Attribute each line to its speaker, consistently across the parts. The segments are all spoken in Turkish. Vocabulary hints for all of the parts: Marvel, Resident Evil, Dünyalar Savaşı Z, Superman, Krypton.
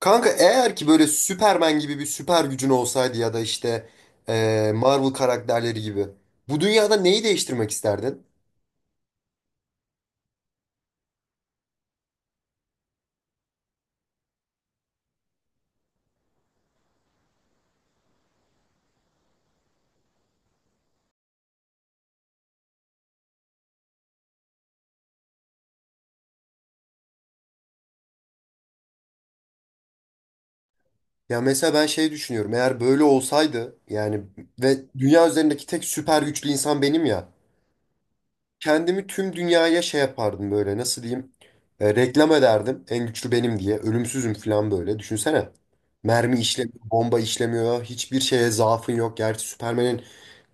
Speaker 1: Kanka eğer ki böyle Superman gibi bir süper gücün olsaydı ya da işte Marvel karakterleri gibi bu dünyada neyi değiştirmek isterdin? Ya mesela ben şey düşünüyorum, eğer böyle olsaydı yani ve dünya üzerindeki tek süper güçlü insan benim ya. Kendimi tüm dünyaya şey yapardım, böyle nasıl diyeyim, reklam ederdim en güçlü benim diye, ölümsüzüm falan. Böyle düşünsene, mermi işlemiyor, bomba işlemiyor, hiçbir şeye zaafın yok. Gerçi Superman'in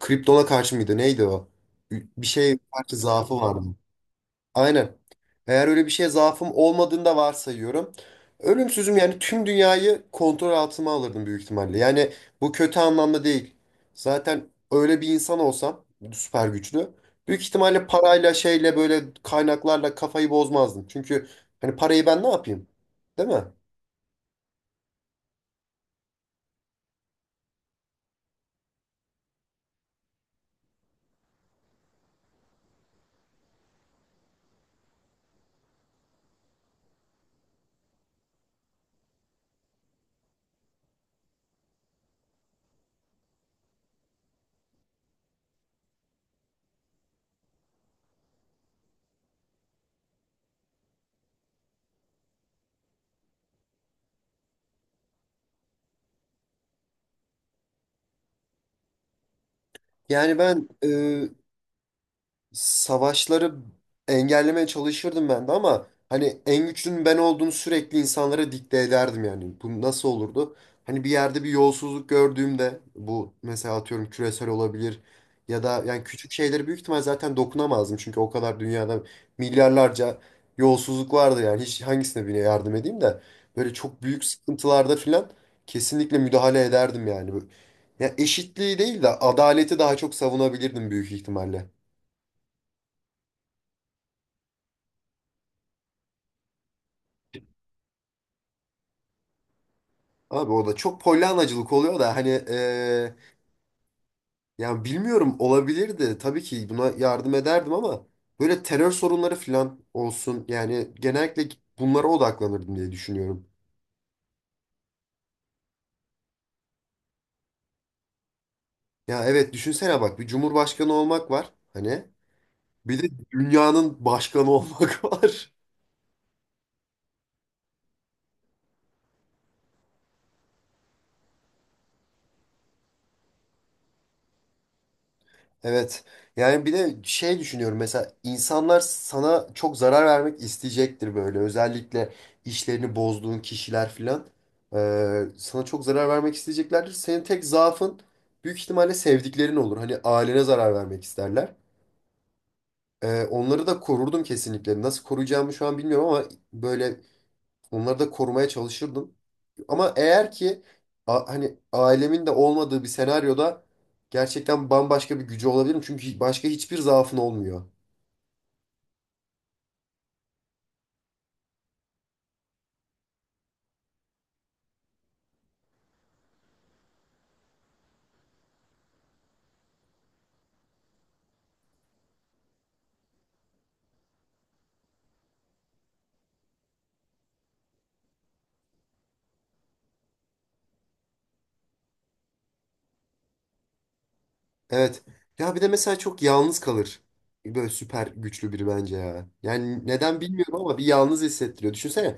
Speaker 1: Krypton'a karşı mıydı neydi, o bir şey karşı zaafı vardı. Aynen. Eğer öyle bir şeye zaafım olmadığını da varsayıyorum. Ölümsüzüm yani tüm dünyayı kontrol altıma alırdım büyük ihtimalle. Yani bu kötü anlamda değil. Zaten öyle bir insan olsam, süper güçlü. Büyük ihtimalle parayla şeyle böyle kaynaklarla kafayı bozmazdım. Çünkü hani parayı ben ne yapayım? Değil mi? Yani ben savaşları engellemeye çalışırdım ben de, ama hani en güçlünün ben olduğumu sürekli insanlara dikte ederdim yani. Bu nasıl olurdu? Hani bir yerde bir yolsuzluk gördüğümde, bu mesela atıyorum küresel olabilir ya da, yani küçük şeylere büyük ihtimal zaten dokunamazdım. Çünkü o kadar dünyada milyarlarca yolsuzluk vardı yani, hiç hangisine, birine yardım edeyim de. Böyle çok büyük sıkıntılarda filan kesinlikle müdahale ederdim yani. Böyle- ya eşitliği değil de adaleti daha çok savunabilirdim büyük ihtimalle. Abi o da çok polyanacılık oluyor da, hani yani bilmiyorum, olabilirdi. Tabii ki buna yardım ederdim ama böyle terör sorunları falan olsun. Yani genellikle bunlara odaklanırdım diye düşünüyorum. Ya evet, düşünsene bak, bir cumhurbaşkanı olmak var hani. Bir de dünyanın başkanı olmak var. Evet. Yani bir de şey düşünüyorum, mesela insanlar sana çok zarar vermek isteyecektir böyle. Özellikle işlerini bozduğun kişiler filan, sana çok zarar vermek isteyeceklerdir. Senin tek zaafın büyük ihtimalle sevdiklerin olur. Hani ailene zarar vermek isterler. Onları da korurdum kesinlikle. Nasıl koruyacağımı şu an bilmiyorum ama böyle onları da korumaya çalışırdım. Ama eğer ki a- hani ailemin de olmadığı bir senaryoda, gerçekten bambaşka bir gücü olabilirim. Çünkü başka hiçbir zaafın olmuyor. Evet. Ya bir de mesela çok yalnız kalır böyle süper güçlü biri bence ya. Yani neden bilmiyorum ama bir yalnız hissettiriyor. Düşünsene,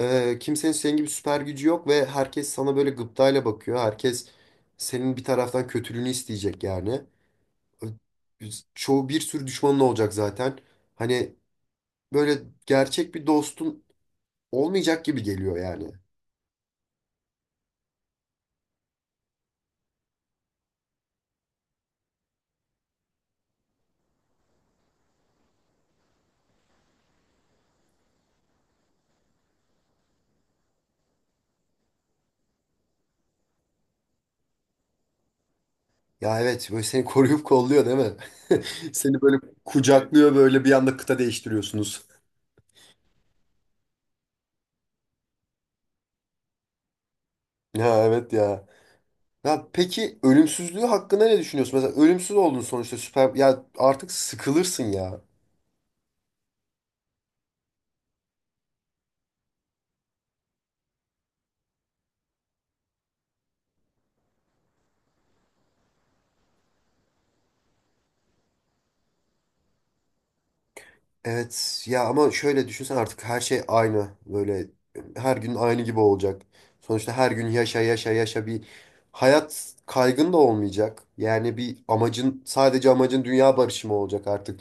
Speaker 1: kimsenin senin gibi süper gücü yok ve herkes sana böyle gıptayla bakıyor. Herkes senin bir taraftan kötülüğünü isteyecek yani. Çoğu, bir sürü düşmanın olacak zaten. Hani böyle gerçek bir dostun olmayacak gibi geliyor yani. Ya evet, böyle seni koruyup kolluyor değil mi? Seni böyle kucaklıyor, böyle bir anda kıta değiştiriyorsunuz. Ya evet ya. Ya peki ölümsüzlüğü hakkında ne düşünüyorsun? Mesela ölümsüz oldun sonuçta, süper ya, artık sıkılırsın ya. Evet ya, ama şöyle düşünsen artık her şey aynı, böyle her gün aynı gibi olacak. Sonuçta her gün yaşa yaşa yaşa, bir hayat kaygın da olmayacak. Yani bir amacın, sadece amacın dünya barışı mı olacak artık?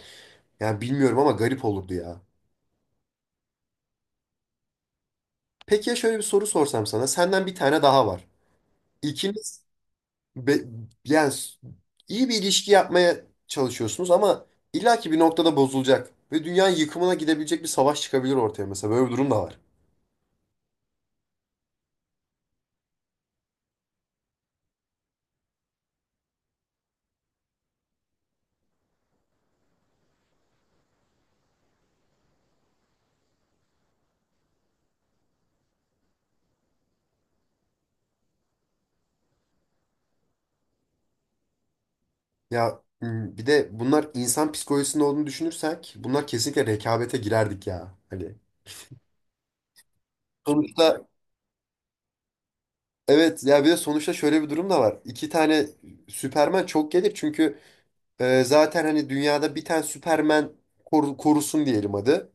Speaker 1: Yani bilmiyorum ama garip olurdu ya. Peki ya şöyle bir soru sorsam sana. Senden bir tane daha var. İkiniz be- yani s- iyi bir ilişki yapmaya çalışıyorsunuz ama illaki bir noktada bozulacak. Ve dünyanın yıkımına gidebilecek bir savaş çıkabilir ortaya mesela. Böyle bir durum da var. Ya m, bir de bunlar insan psikolojisinde olduğunu düşünürsek, bunlar kesinlikle rekabete girerdik ya. Hani sonuçta, evet ya, bir de sonuçta şöyle bir durum da var. İki tane Süperman çok gelir. Çünkü zaten hani dünyada bir tane Superman koru- korusun diyelim hadi.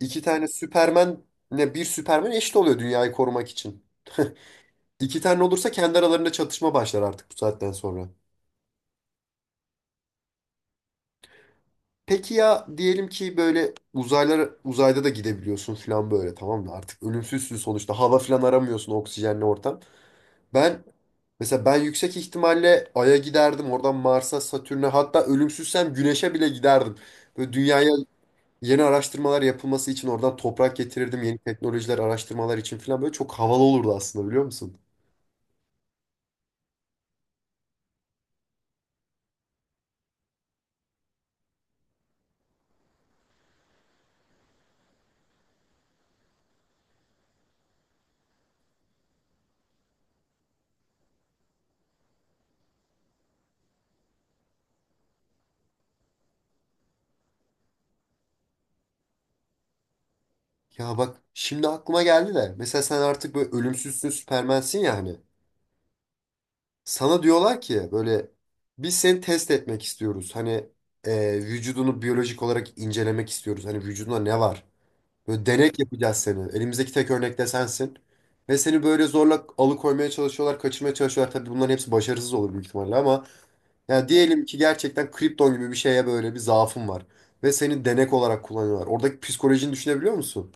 Speaker 1: İki tane Superman, ne, bir Superman eşit oluyor dünyayı korumak için. İki tane olursa kendi aralarında çatışma başlar artık bu saatten sonra. Peki ya diyelim ki böyle uzaylar, uzayda da gidebiliyorsun falan, böyle tamam mı? Artık ölümsüzsün sonuçta. Hava falan aramıyorsun, oksijenli ortam. Ben mesela yüksek ihtimalle Ay'a giderdim. Oradan Mars'a, Satürn'e, hatta ölümsüzsem Güneş'e bile giderdim. Böyle dünyaya yeni araştırmalar yapılması için oradan toprak getirirdim. Yeni teknolojiler, araştırmalar için falan, böyle çok havalı olurdu aslında, biliyor musun? Ya bak şimdi aklıma geldi de, mesela sen artık böyle ölümsüzsün, süpermensin ya hani. Sana diyorlar ki böyle, biz seni test etmek istiyoruz. Hani vücudunu biyolojik olarak incelemek istiyoruz. Hani vücudunda ne var? Böyle denek yapacağız seni. Elimizdeki tek örnek de sensin. Ve seni böyle zorla alıkoymaya çalışıyorlar, kaçırmaya çalışıyorlar. Tabii bunların hepsi başarısız olur büyük ihtimalle ama, ya diyelim ki gerçekten kripton gibi bir şeye, böyle bir zaafın var. Ve seni denek olarak kullanıyorlar. Oradaki psikolojini düşünebiliyor musun?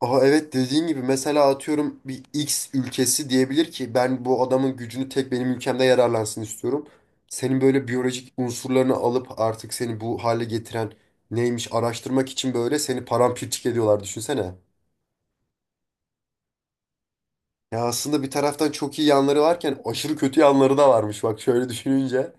Speaker 1: Aha, evet, dediğin gibi mesela atıyorum, bir X ülkesi diyebilir ki, ben bu adamın gücünü tek benim ülkemde yararlansın istiyorum. Senin böyle biyolojik unsurlarını alıp, artık seni bu hale getiren neymiş araştırmak için, böyle seni paramparçık ediyorlar, düşünsene. Ya aslında bir taraftan çok iyi yanları varken aşırı kötü yanları da varmış bak şöyle düşününce.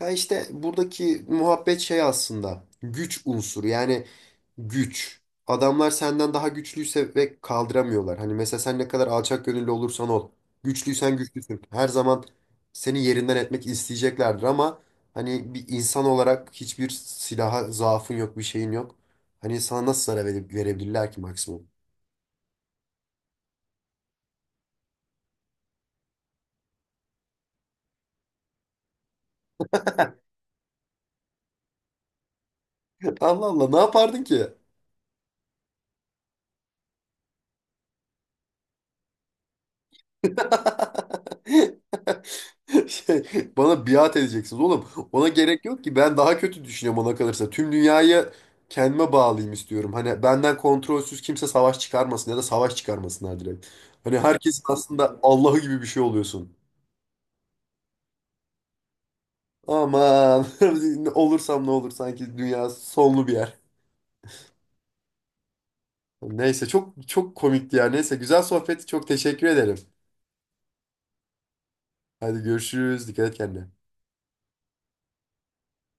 Speaker 1: Ya işte buradaki muhabbet şey, aslında güç unsuru yani, güç. Adamlar senden daha güçlüyse ve kaldıramıyorlar. Hani mesela sen ne kadar alçak gönüllü olursan ol, güçlüysen güçlüsün. Her zaman seni yerinden etmek isteyeceklerdir ama, hani bir insan olarak hiçbir silaha zaafın yok, bir şeyin yok. Hani sana nasıl zarar vere- verebilirler ki maksimum? Allah Allah, ne yapardın ki? Şey, bana biat edeceksiniz oğlum. Ona gerek yok ki. Ben daha kötü düşünüyorum, ona kalırsa tüm dünyayı kendime bağlayayım istiyorum. Hani benden kontrolsüz kimse savaş çıkarmasın, ya da savaş çıkarmasınlar direkt. Hani herkesin aslında Allah'ı gibi bir şey oluyorsun. Aman, olursam ne olur sanki, dünya sonlu bir yer. Neyse, çok çok komikti ya. Neyse, güzel sohbet. Çok teşekkür ederim. Hadi görüşürüz. Dikkat et kendine.